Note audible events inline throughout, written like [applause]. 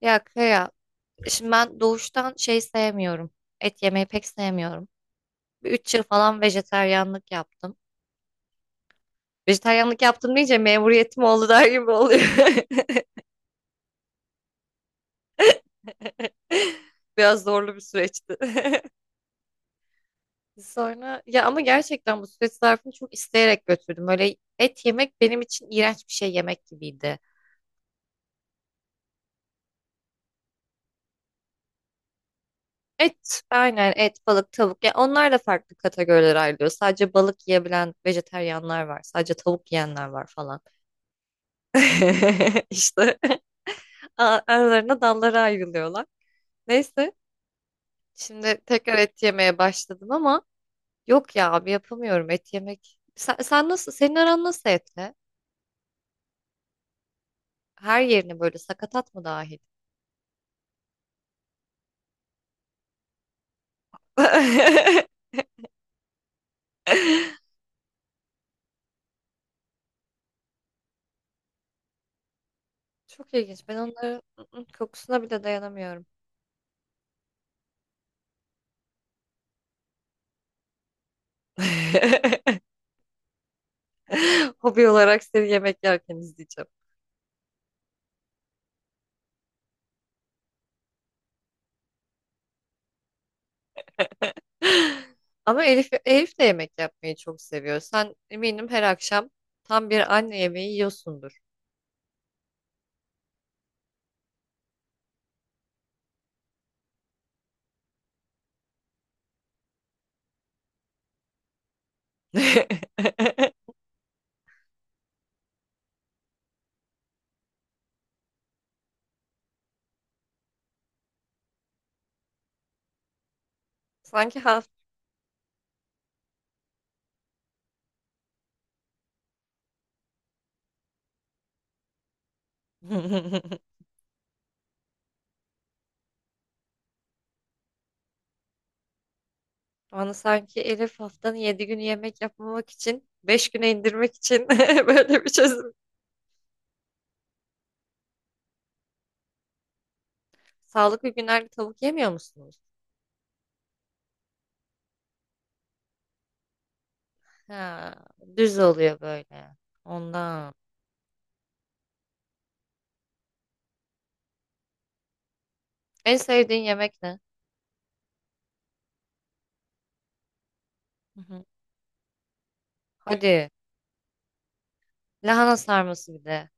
Ya Kaya, şimdi ben doğuştan şey sevmiyorum. Et yemeyi pek sevmiyorum. Bir 3 yıl falan vejetaryenlik yaptım. Vejetaryenlik yaptım deyince memuriyetim oldu der gibi oluyor. [laughs] Biraz zorlu bir süreçti. [laughs] Sonra ya ama gerçekten bu süreç zarfını çok isteyerek götürdüm. Öyle et yemek benim için iğrenç bir şey yemek gibiydi. Et, aynen et, balık, tavuk. Ya onlar da farklı kategorilere ayrılıyor. Sadece balık yiyebilen vejetaryenler var. Sadece tavuk yiyenler var falan. [laughs] İşte. Aralarına dallara ayrılıyorlar. Neyse şimdi tekrar et yemeye başladım ama yok ya abi yapamıyorum et yemek. Sen nasıl, senin aran nasıl etle? Her yerini böyle sakatat mı dahil? [laughs] Çok ilginç. Ben onların kokusuna bile dayanamıyorum. [laughs] Hobi olarak seni yemek yerken izleyeceğim. [laughs] Ama Elif de yemek yapmayı çok seviyor. Sen eminim her akşam tam bir anne yemeği yiyorsundur. [laughs] Sanki hafta. [laughs] Bana sanki Elif haftanın 7 günü yemek yapmamak için 5 güne indirmek için [laughs] böyle bir çözüm. Sağlıklı günlerde tavuk yemiyor musunuz? Ha, düz oluyor böyle. Ondan. En sevdiğin yemek ne? Hı hı. Hadi. Lahana sarması bir de.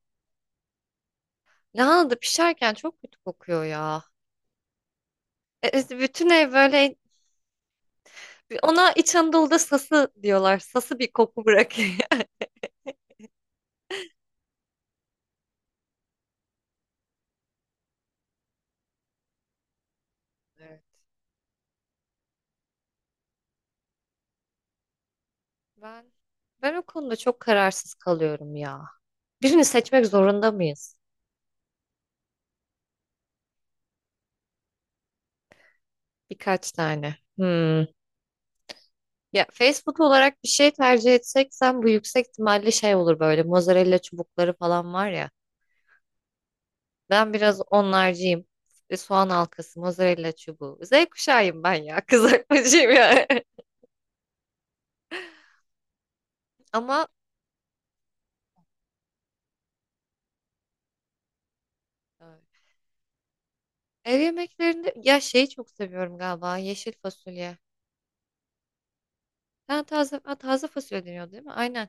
Lahana da pişerken çok kötü kokuyor ya. Bütün ev böyle. Ona İç Anadolu'da sası diyorlar. Sası bir koku bırakıyor. [laughs] Evet. Ben ben o konuda çok kararsız kalıyorum ya. Birini seçmek zorunda mıyız? Birkaç tane. Hmm. Ya Facebook olarak bir şey tercih etsek bu yüksek ihtimalle şey olur, böyle mozzarella çubukları falan var ya. Ben biraz onlarcıyım. Soğan halkası, mozzarella çubuğu. Z kuşağıyım ben ya. [laughs] Kızartmacıyım ya. [laughs] Ama e, ev yemeklerinde ya şeyi çok seviyorum galiba. Yeşil fasulye. Ha, taze fasulye deniyor değil mi? Aynen.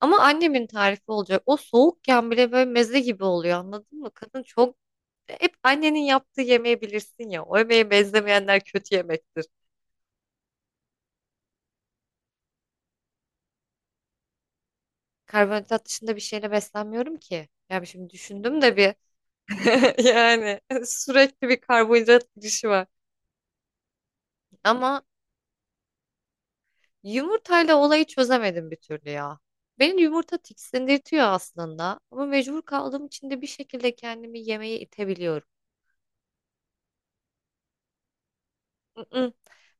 Ama annemin tarifi olacak. O soğukken bile böyle meze gibi oluyor, anladın mı? Kadın çok. Hep annenin yaptığı yemeği bilirsin ya. O yemeği benzemeyenler kötü yemektir. Karbonhidrat dışında bir şeyle beslenmiyorum ki. Yani şimdi düşündüm de bir [laughs] yani sürekli bir karbonhidrat girişi var. Ama yumurtayla olayı çözemedim bir türlü ya. Beni yumurta tiksindirtiyor aslında. Ama mecbur kaldığım için de bir şekilde kendimi yemeğe itebiliyorum. Mm-mm.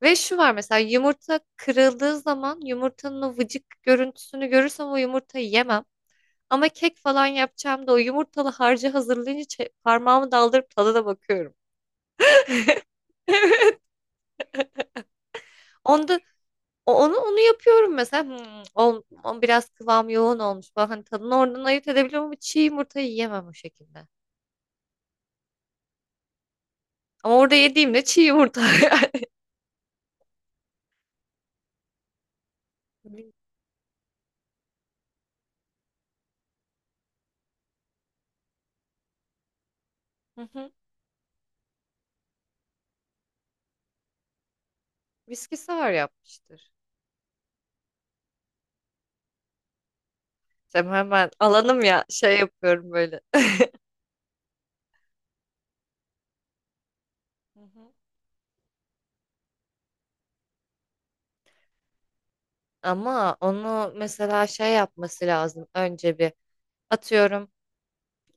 Ve şu var, mesela yumurta kırıldığı zaman yumurtanın o vıcık görüntüsünü görürsem o yumurtayı yemem. Ama kek falan yapacağım da o yumurtalı harcı hazırlayınca parmağımı daldırıp tadına bakıyorum. [laughs] Onda onu yapıyorum mesela. O biraz kıvam yoğun olmuş. Bak hani tadını oradan ayırt edebiliyorum ama çiğ yumurtayı yiyemem o şekilde. Ama orada yediğimde çiğ yumurta [laughs] yani. Bil- Hı hı. Viskisi var, yapmıştır. Sen hemen alanım ya, şey yapıyorum böyle. Hı hı. Ama onu mesela şey yapması lazım. Önce bir atıyorum.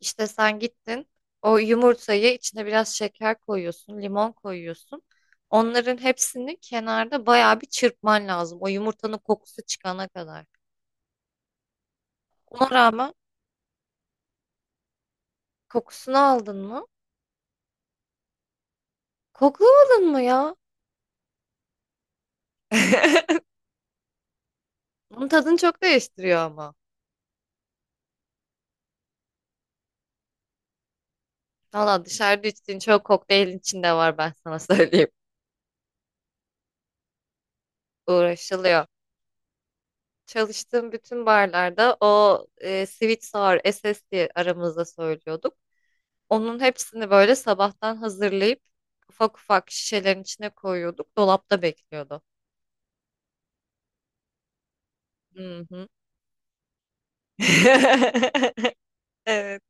İşte sen gittin, o yumurtayı içine biraz şeker koyuyorsun, limon koyuyorsun. Onların hepsini kenarda bayağı bir çırpman lazım. O yumurtanın kokusu çıkana kadar. Ona rağmen kokusunu aldın mı? Koklamadın mı ya? [laughs] Bunun tadını çok değiştiriyor ama. Valla dışarıda içtiğin çok kokteylin içinde var, ben sana [laughs] söyleyeyim. Uğraşılıyor. Çalıştığım bütün barlarda o sweet sour SS diye aramızda söylüyorduk. Onun hepsini böyle sabahtan hazırlayıp ufak ufak şişelerin içine koyuyorduk. Dolapta bekliyordu. Hı hı. [laughs] Evet.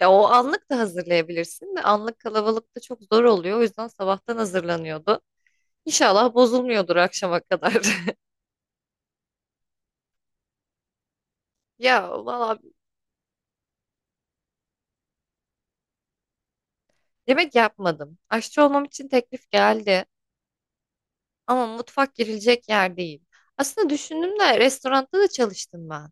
Ya o anlık da hazırlayabilirsin de anlık kalabalıkta çok zor oluyor. O yüzden sabahtan hazırlanıyordu. İnşallah bozulmuyordur akşama kadar. [laughs] Ya valla yemek yapmadım. Aşçı olmam için teklif geldi. Ama mutfak girilecek yer değil. Aslında düşündüm de restoranda da çalıştım ben.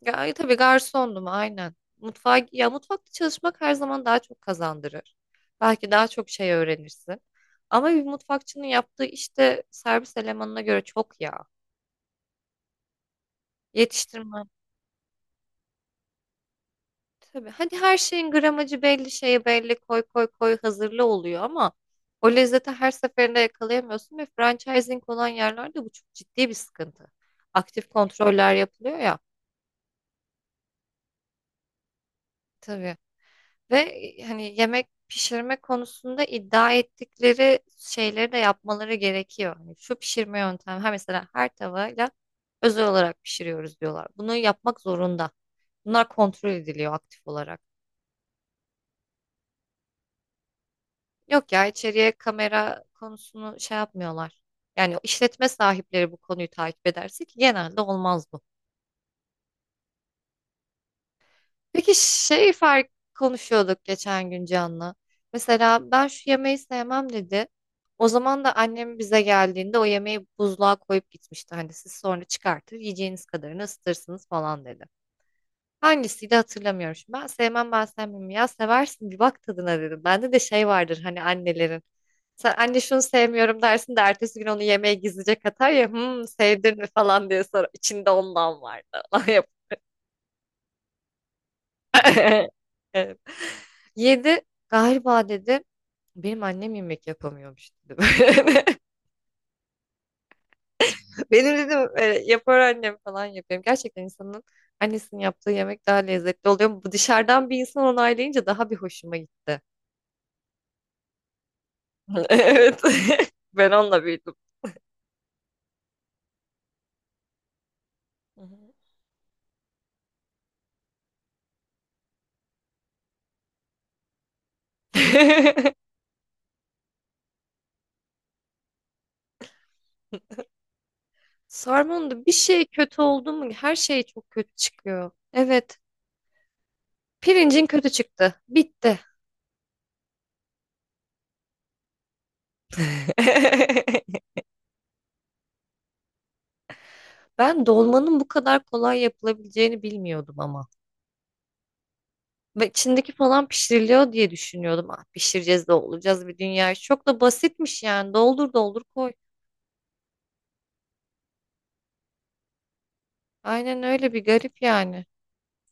Ya, tabii garsondum aynen. Mutfağa, ya mutfakta çalışmak her zaman daha çok kazandırır. Belki daha çok şey öğrenirsin. Ama bir mutfakçının yaptığı işte servis elemanına göre çok ya. Yetiştirmen. Tabii. Hadi her şeyin gramajı belli, şeyi belli, koy koy koy hazırlı oluyor ama o lezzeti her seferinde yakalayamıyorsun ve franchising olan yerlerde bu çok ciddi bir sıkıntı. Aktif kontroller yapılıyor ya. Tabii. Ve hani yemek pişirme konusunda iddia ettikleri şeyleri de yapmaları gerekiyor. Hani şu pişirme yöntemi, ha mesela her tavayla özel olarak pişiriyoruz diyorlar. Bunu yapmak zorunda. Bunlar kontrol ediliyor aktif olarak. Yok ya, içeriye kamera konusunu şey yapmıyorlar. Yani işletme sahipleri bu konuyu takip ederse, ki genelde olmaz bu. Peki şey fark konuşuyorduk geçen gün Can'la. Mesela ben şu yemeği sevmem dedi. O zaman da annem bize geldiğinde o yemeği buzluğa koyup gitmişti. Hani siz sonra çıkartır yiyeceğiniz kadarını ısıtırsınız falan dedi. Hangisiydi hatırlamıyorum şimdi. Ben sevmem ben sevmem ya seversin, bir bak tadına dedim. Bende de şey vardır hani, annelerin. Sen anne şunu sevmiyorum dersin de ertesi gün onu yemeğe gizlice katar ya, "Hmm, sevdin mi" falan diye. Sonra içinde ondan vardı. [laughs] Yapar. [laughs] Yedi galiba dedi. Benim annem yemek yapamıyormuş dedi. [laughs] Böyle. Benim dedim yapar annem falan yapıyorum. Gerçekten insanın annesinin yaptığı yemek daha lezzetli oluyor. Bu dışarıdan bir insan onaylayınca daha bir hoşuma gitti. [laughs] Evet. [laughs] Ben onunla büyüdüm. Hı hı. [laughs] Sarmanında bir şey kötü oldu mu her şey çok kötü çıkıyor. Evet. Pirincin kötü çıktı. Bitti. [laughs] Ben dolmanın bu kadar kolay yapılabileceğini bilmiyordum ama. Ve içindeki falan pişiriliyor diye düşünüyordum. Ah, pişireceğiz de olacağız bir dünya. Çok da basitmiş yani. Doldur doldur koy. Aynen, öyle bir garip yani.